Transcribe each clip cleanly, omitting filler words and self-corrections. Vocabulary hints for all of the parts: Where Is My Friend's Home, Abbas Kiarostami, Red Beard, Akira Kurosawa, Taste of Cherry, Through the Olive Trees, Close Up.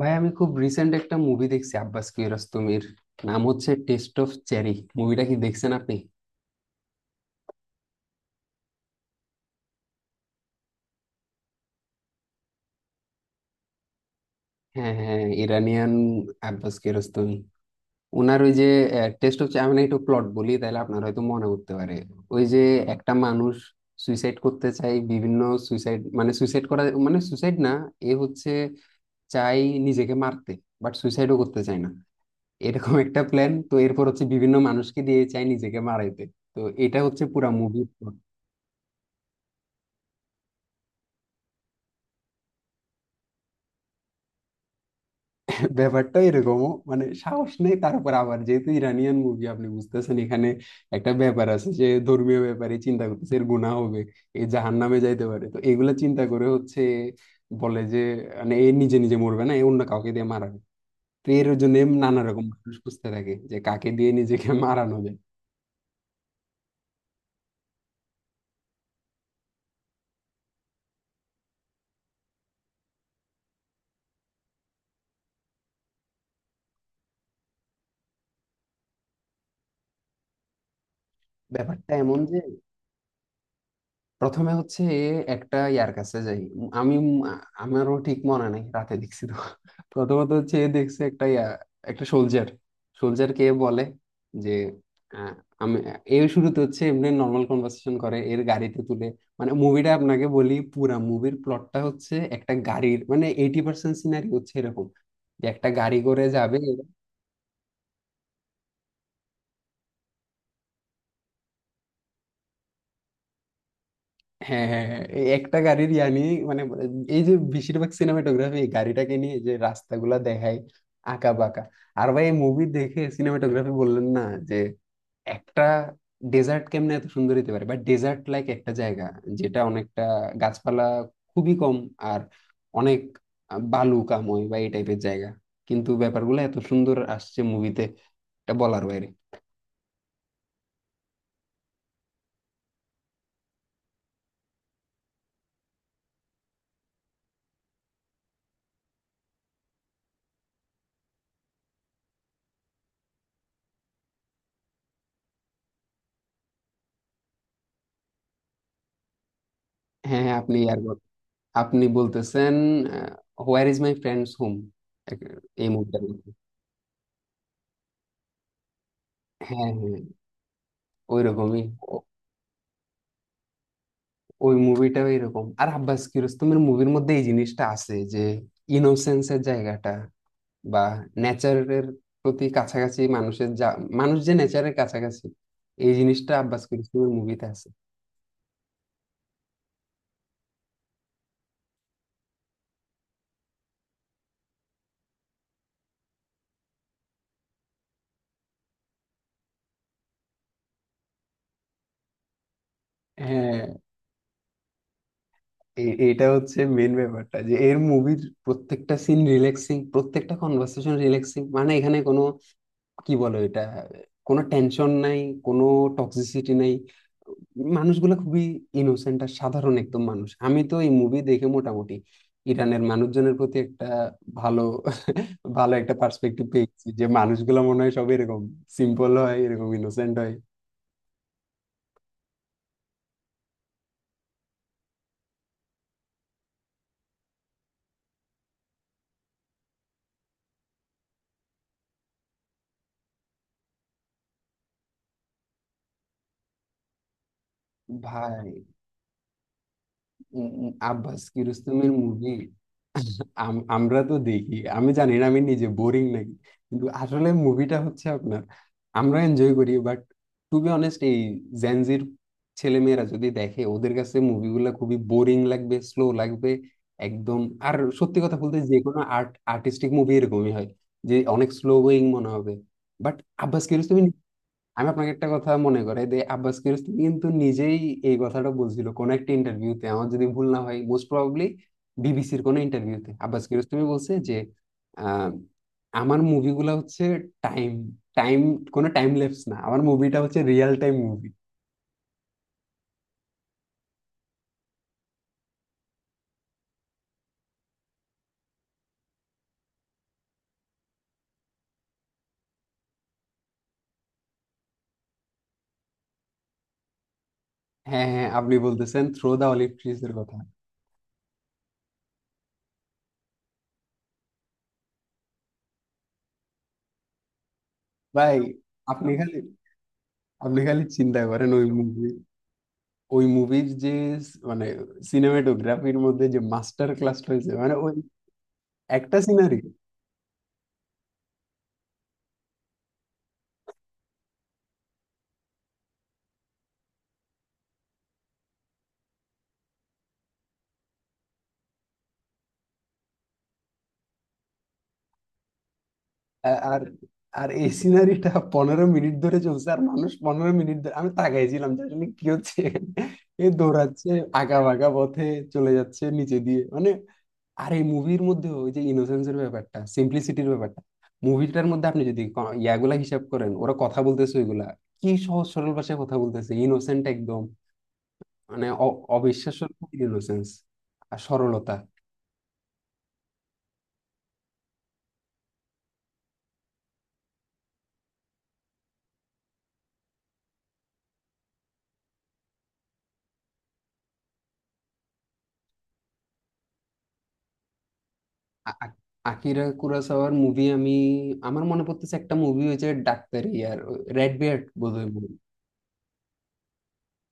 ভাই, আমি খুব রিসেন্ট একটা মুভি দেখছি আব্বাস কিয়ারোস্তমির। নাম হচ্ছে টেস্ট অফ চেরি। মুভিটা কি দেখছেন আপনি? হ্যাঁ হ্যাঁ, ইরানিয়ান আব্বাস কিয়ারোস্তমি। ওনার ওই যে টেস্ট অফ চেরি, আমি না একটু প্লট বলি, তাহলে আপনার হয়তো মনে করতে পারে। ওই যে একটা মানুষ সুইসাইড করতে চাই বিভিন্ন। সুইসাইড মানে সুইসাইড করা মানে সুইসাইড না, এ হচ্ছে চাই নিজেকে মারতে, বাট সুইসাইডও করতে চায় না। এরকম একটা প্ল্যান। তো এরপর হচ্ছে বিভিন্ন মানুষকে দিয়ে চাই নিজেকে মারাইতে। তো এটা হচ্ছে পুরা মুভি। ব্যাপারটা এরকম, মানে সাহস নেই। তারপর আবার যেহেতু ইরানিয়ান মুভি আপনি বুঝতেছেন এখানে একটা ব্যাপার আছে যে ধর্মীয় ব্যাপারে চিন্তা করতেছে, এর গুনাহ হবে, এ জাহান্নামে যাইতে পারে। তো এগুলা চিন্তা করে হচ্ছে, বলে যে, মানে এ নিজে নিজে মরবে না, এ অন্য কাউকে দিয়ে মারাবে। তো এর জন্য নানা রকম মানুষ খুঁজতে থাকে, যে কাকে দিয়ে নিজেকে মারানো যায়। ব্যাপারটা এমন যে প্রথমে হচ্ছে একটা ইয়ার কাছে যাই আমি। আমারও ঠিক মনে নাই, রাতে দেখছি তো। প্রথমত হচ্ছে দেখছে একটা ইয়া, একটা সোলজার। সোলজার কে বলে যে আহ, আমি, এর শুরুতে হচ্ছে এমনি নর্মাল কনভার্সেশন করে এর গাড়িতে তুলে। মানে মুভিটা আপনাকে বলি, পুরা মুভির প্লটটা হচ্ছে একটা গাড়ির, মানে 80% সিনারি হচ্ছে এরকম, যে একটা গাড়ি করে যাবে। হ্যাঁ হ্যাঁ হ্যাঁ, এই একটা গাড়ির ইয়ানি মানে এই যে বেশিরভাগ সিনেমাটোগ্রাফি এই গাড়িটাকে নিয়ে যে রাস্তাগুলা দেখায় আঁকা বাঁকা। আর ভাই মুভি দেখে সিনেমাটোগ্রাফি বললেন না, যে একটা ডেজার্ট কেমনে এত সুন্দর হতে পারে, বা ডেজার্ট লাইক একটা জায়গা, যেটা অনেকটা গাছপালা খুবই কম, আর অনেক বালু কাময় বা এই টাইপের জায়গা। কিন্তু ব্যাপারগুলো এত সুন্দর আসছে মুভিতে, এটা বলার বাইরে। হ্যাঁ হ্যাঁ, আপনি আর বলেন। আপনি বলতেছেন where is my friends home এই মুভিটা। হ্যাঁ হ্যাঁ, ওইরকমই। ও- ওই মুভিটাও এরকম। আর আব্বাস কিরোস্তমের মুভির মধ্যে এই জিনিসটা আছে যে ইনোসেন্সের জায়গাটা, বা নেচারের প্রতি কাছাকাছি, মানুষের যা, মানুষ যে নেচারের কাছাকাছি, এই জিনিসটা আব্বাস কিরোস্তমের মুভিতে আছে। হ্যাঁ, এটা হচ্ছে মেন ব্যাপারটা, যে এর মুভির প্রত্যেকটা সিন রিল্যাক্সিং, প্রত্যেকটা কনভার্সেশন রিল্যাক্সিং। মানে এখানে কোনো, কি বলো এটা, কোনো টেনশন নাই, কোনো টক্সিসিটি নাই, মানুষগুলো খুবই ইনোসেন্ট আর সাধারণ একদম মানুষ। আমি তো এই মুভি দেখে মোটামুটি ইরানের মানুষজনের প্রতি একটা ভালো ভালো একটা পার্সপেক্টিভ পেয়েছি, যে মানুষগুলো মনে হয় সব এরকম সিম্পল হয়, এরকম ইনোসেন্ট হয়। ভাই, উম, উম, আব্বাস কিরোস্তমের মুভি আমরা তো দেখি। আমি জানি না আমি নিজে বোরিং নাকি, কিন্তু আসলে মুভিটা হচ্ছে আপনার, আমরা এনজয় করি। বাট টু বি অনেস্ট এই জেনজির ছেলেমেয়েরা যদি দেখে ওদের কাছে মুভিগুলো খুবই বোরিং লাগবে, স্লো লাগবে একদম। আর সত্যি কথা বলতে যে কোনো আর্ট, আর্টিস্টিক মুভি এরকমই হয়, যে অনেক স্লো গোয়িং মনে হবে। বাট আব্বাস কিরোস্তমি, আমি আপনাকে একটা কথা মনে করে, যে আব্বাস কিয়ারোস্তামি কিন্তু নিজেই এই কথাটা বলছিল কোন একটা ইন্টারভিউতে। আমার যদি ভুল না হয়, মোস্ট প্রবাবলি বিবিসির কোন ইন্টারভিউতে আব্বাস কিয়ারোস্তামি বলছে যে আহ, আমার মুভিগুলা হচ্ছে টাইম টাইম কোনো টাইম ল্যাপস না, আমার মুভিটা হচ্ছে রিয়েল টাইম মুভি। হ্যাঁ হ্যাঁ, আপনি বলতেছেন থ্রো দা অলিভ ট্রিজ এর কথা। ভাই আপনি খালি আপনি খালি চিন্তা করেন ওই মুভি, ওই মুভির যে মানে সিনেমাটোগ্রাফির মধ্যে যে মাস্টার ক্লাস রয়েছে, মানে ওই একটা সিনারি। আর আর এই সিনারিটা 15 মিনিট ধরে চলছে, আর মানুষ 15 মিনিট ধরে আমি তাকাইছিলাম যে আসলে কি হচ্ছে এখানে? এ দৌড়াচ্ছে আঁকা বাঁকা পথে, চলে যাচ্ছে নিচে দিয়ে, মানে। আর এই মুভির মধ্যে ওই যে ইনোসেন্সের ব্যাপারটা, সিম্পলিসিটির ব্যাপারটা, মুভিটার মধ্যে আপনি যদি ইয়াগুলা হিসাব করেন, ওরা কথা বলতেছে ওইগুলা, কি সহজ সরল ভাষায় কথা বলতেছে, ইনোসেন্ট একদম, মানে অবিশ্বাস্য ইনোসেন্স আর সরলতা। আ- আ- আকিরা কুরাসাওয়ার মুভি আমি, আমার মনে পড়তেছে একটা মুভি হয়েছে ডাক্তারি, আর রেড বিয়ার্ড বোধহয় movie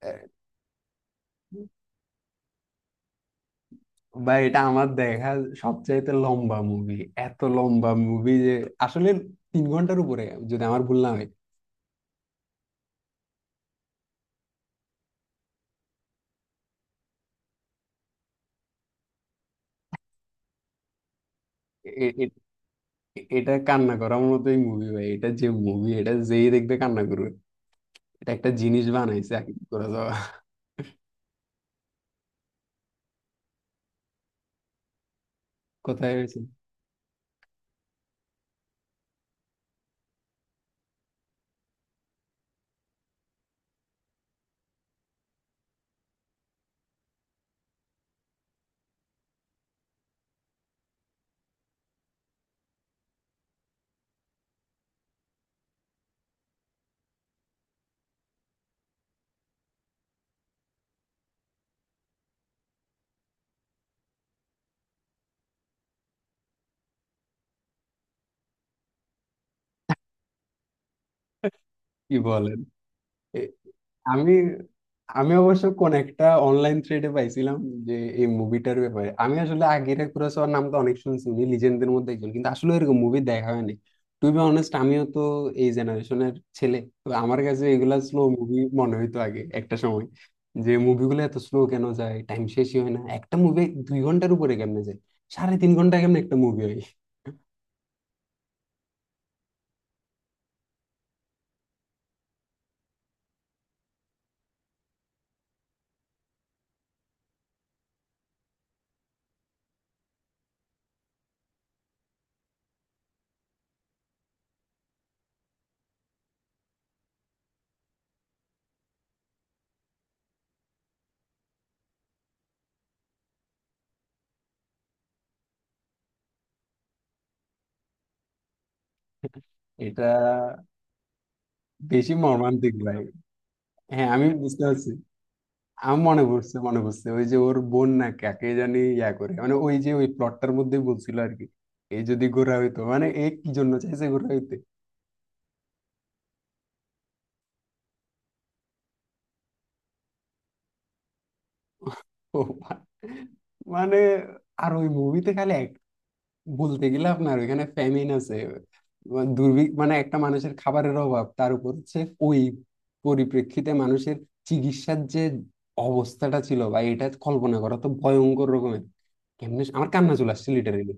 টা। ভাই এটা আমার দেখা সবচাইতে লম্বা মুভি। এত লম্বা মুভি যে আসলে 3 ঘন্টার উপরে, যদি আমার ভুল না হয়। এ- এ- এটা কান্না করার মতোই মুভি ভাই, এটা যে মুভি, এটা যেই দেখবে কান্না করবে। এটা একটা জিনিস বানাইছে আকিরা কুরাসাওয়া। কোথায় হয়েছে? কি বলে? এ- আমি আমি অবশ্য কোন একটা অনলাইন থ্রেডে পাইছিলাম, যে এই মুভিটার ব্যাপারে। আমি আসলে আগের কুরাসাওয়ার নাম তো অনেক শুনছি, উনি লিজেন্ডদের মধ্যে একজন, কিন্তু আসলে এরকম মুভি দেখা হয়নি। টু বি অনেস্ট আমিও তো এই জেনারেশনের ছেলে। তো আমার কাছে এগুলা স্লো মুভি মনে হইতো আগে একটা সময়, যে মুভিগুলো এত স্লো কেন যায়, টাইম শেষই হয় না একটা মুভি, 2 ঘন্টার উপরে কেমনে যায়, সাড়ে 3 ঘন্টা কেমনে একটা মুভি হয়। এটা বেশি মর্মান্তিক ভাই। হ্যাঁ, আমি বুঝতে পারছি। আমার মনে পড়ছে ওই যে ওর বোন না কাকে জানি ইয়া করে, মানে ওই যে ওই প্লটটার মধ্যে বলছিল আর কি, এই যদি গোরা হইতো, মানে এ কি জন্য চাইছে গোরা হইতে। ও মা- মানে, আর ওই মুভিতে খালি এক, বলতে গেলে আপনার ওইখানে ফ্যামিন আছে, দুর্ভিক্ষ মানে একটা মানুষের খাবারের অভাব, তার উপর হচ্ছে ওই পরিপ্রেক্ষিতে মানুষের চিকিৎসার যে অবস্থাটা ছিল, বা এটা কল্পনা করা তো ভয়ঙ্কর রকমের। কেমনে আমার কান্না চলে আসছে লিটারেলি।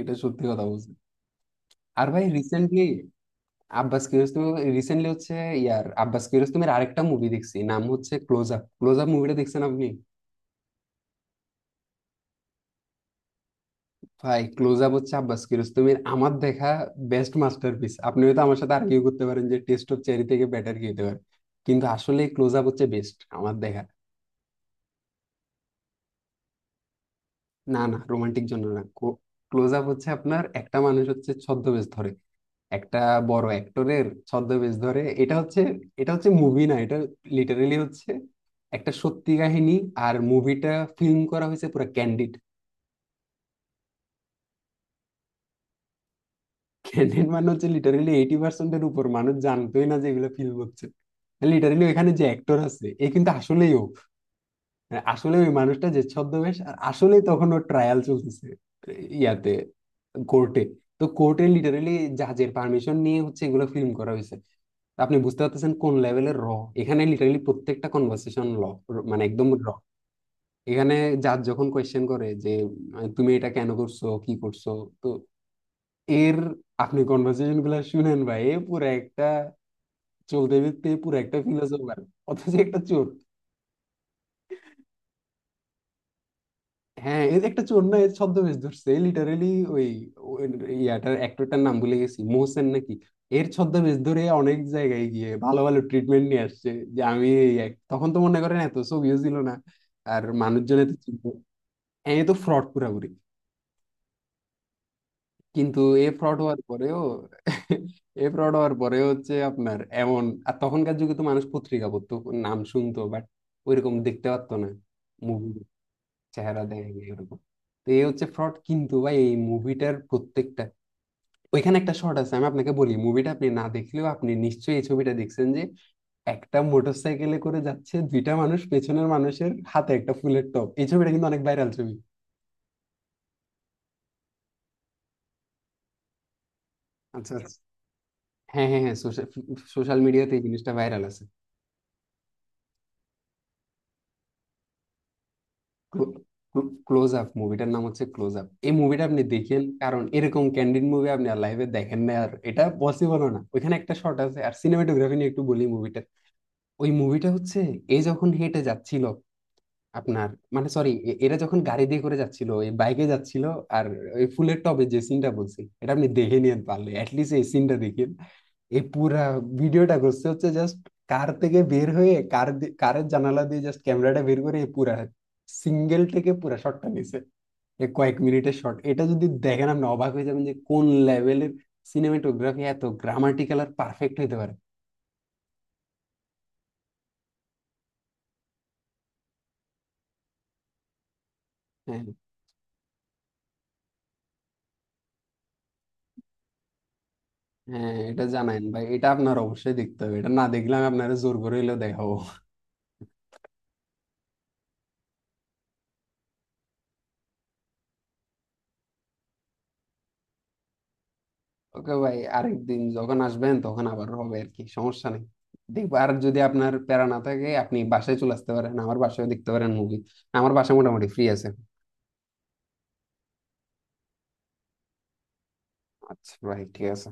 এটা সত্যি কথা বলছি। আর ভাই রিসেন্টলি আব্বাস কিয়ারোস্তমি, রিসেন্টলি হচ্ছে ইয়ার আব্বাস কিয়ারোস্তমির আরেকটা মুভি দেখছি, নাম হচ্ছে ক্লোজ আপ। ক্লোজ আপ মুভিটা দেখছেন আপনি? ভাই ক্লোজ আপ হচ্ছে আব্বাস কিয়ারোস্তমির আমার দেখা বেস্ট মাস্টারপিস। আপনি হয়তো আমার সাথে আর্গিউ করতে পারেন যে টেস্ট অফ চেরি থেকে বেটার কি হতে পারে, কিন্তু আসলে ক্লোজ আপ হচ্ছে বেস্ট আমার দেখা। না, না, রোমান্টিক জন্য না। ক্লোজ আপ হচ্ছে আপনার একটা মানুষ হচ্ছে ছদ্মবেশ ধরে, একটা বড় অ্যাক্টরের ছদ্মবেশ ধরে। এটা হচ্ছে মুভি না, এটা লিটারেলি হচ্ছে একটা সত্যি কাহিনী। আর মুভিটা ফিল্ম করা হয়েছে পুরো ক্যান্ডিড। ক্যান্ডিড মানে হচ্ছে লিটারেলি 80%-এর উপর মানুষ জানতোই না যে এগুলো ফিল্ম হচ্ছে। লিটারেলি ওখানে যে অ্যাক্টর আছে, এ কিন্তু আসলেই ও, মানে আসলে ওই মানুষটা যে ছদ্মবেশ, আর আসলেই তখন ওর ট্রায়াল চলতেছে ইয়াতে, কোর্টে। তো কোর্টে লিটারেলি জাজের পারমিশন নিয়ে হচ্ছে এগুলো ফিল্ম করা হয়েছে। তো আপনি বুঝতে পারতেছেন কোন লেভেলের র। এখানে লিটারালি প্রত্যেকটা কনভার্সেশন ল, মানে একদম র। এখানে জাজ যখন কোয়েশ্চেন করে যে তুমি এটা কেন করছো, কি করছো। তো এর, আপনি কনভার্সেশন গুলা শুনেন ভাই, এ পুরো একটা চলতে ফিরতে পুরো একটা ফিলোসফার। অথচ একটা চোর। হ্যাঁ, এর একটা চোর না, এর ছদ্মবেশ ধরছে লিটারেলি, ওই ওই ইয়াটার অ্যাক্টরটার নাম ভুলে গেছি, মোহসেন নাকি। এর ছদ্মবেশ ধরে অনেক জায়গায় গিয়ে ভালো ভালো ট্রিটমেন্ট নিয়ে আসছে। যে আমি তখন তো মনে করেন এত ছবিও ছিল না, আর মানুষজন এত চিনতো। হ্যাঁ, এ তো ফ্রড পুরাপুরি। কিন্তু এ ফ্রড হওয়ার পরেও এ ফ্রড হওয়ার পরে হচ্ছে আপনার এমন। আর তখনকার যুগে তো মানুষ পত্রিকা পড়তো, নাম শুনতো, বাট ওইরকম দেখতে পারতো না। মুভি চেহারা দেয়নি এরকম। তো এই হচ্ছে ফ্রড, কিন্তু ভাই এই মুভিটার প্রত্যেকটা, ওইখানে একটা শর্ট আছে, আমি আপনাকে বলি। মুভিটা আপনি না দেখলেও আপনি নিশ্চয়ই এই ছবিটা দেখছেন, যে একটা মোটরসাইকেলে করে যাচ্ছে দুইটা মানুষ, পেছনের মানুষের হাতে একটা ফুলের টব। এই ছবিটা কিন্তু অনেক ভাইরাল ছবি। আচ্ছা আচ্ছা। হ্যাঁ হ্যাঁ হ্যাঁ। সোশ্যাল সোশ্যাল মিডিয়াতে এই জিনিসটা ভাইরাল আছে। ক্লোজ আপ, মুভিটার নাম হচ্ছে ক্লোজ আপ, এই মুভিটা আপনি দেখেন, কারণ এরকম ক্যান্ডিড মুভি আপনি আর লাইভে দেখেন না, আর এটা পসিবলও না। ওইখানে একটা শর্ট আছে, আর সিনেমাটোগ্রাফি নিয়ে একটু বলি মুভিটা। ওই মুভিটা হচ্ছে এ যখন হেঁটে যাচ্ছিল আপনার, মানে সরি, এরা যখন গাড়ি দিয়ে করে যাচ্ছিল, এই বাইকে যাচ্ছিল। আর ওই ফুলের টবে যে সিনটা বলছি, এটা আপনি দেখে নিয়ে পারলে অ্যাটলিস্ট এই সিনটা দেখেন। এই পুরা ভিডিওটা করছে হচ্ছে জাস্ট কার থেকে বের হয়ে কারের জানালা দিয়ে জাস্ট ক্যামেরাটা বের করে এই পুরা সিঙ্গেল থেকে পুরা শটটা নিছে। এ কয়েক মিনিটের শট, এটা যদি দেখেন আপনি অবাক হয়ে যাবেন যে কোন লেভেলের সিনেমাটোগ্রাফি এত গ্রামাটিক্যাল আর পারফেক্ট হইতে পারে। হ্যাঁ, হ্যাঁ এটা জানাইন ভাই, এটা আপনার অবশ্যই দেখতে হবে, এটা না দেখলে আমি আপনারা জোর করে হইলেও দেখাবো। ওকে ভাই, আরেকদিন যখন আসবেন তখন আবার হবে, আর কি সমস্যা নেই। দেখবো, আর যদি আপনার প্যারা না থাকে আপনি বাসায় চলে আসতে পারেন, আমার বাসায় দেখতে পারেন মুভি। আমার বাসা মোটামুটি ফ্রি আছে। আচ্ছা ভাই, ঠিক আছে।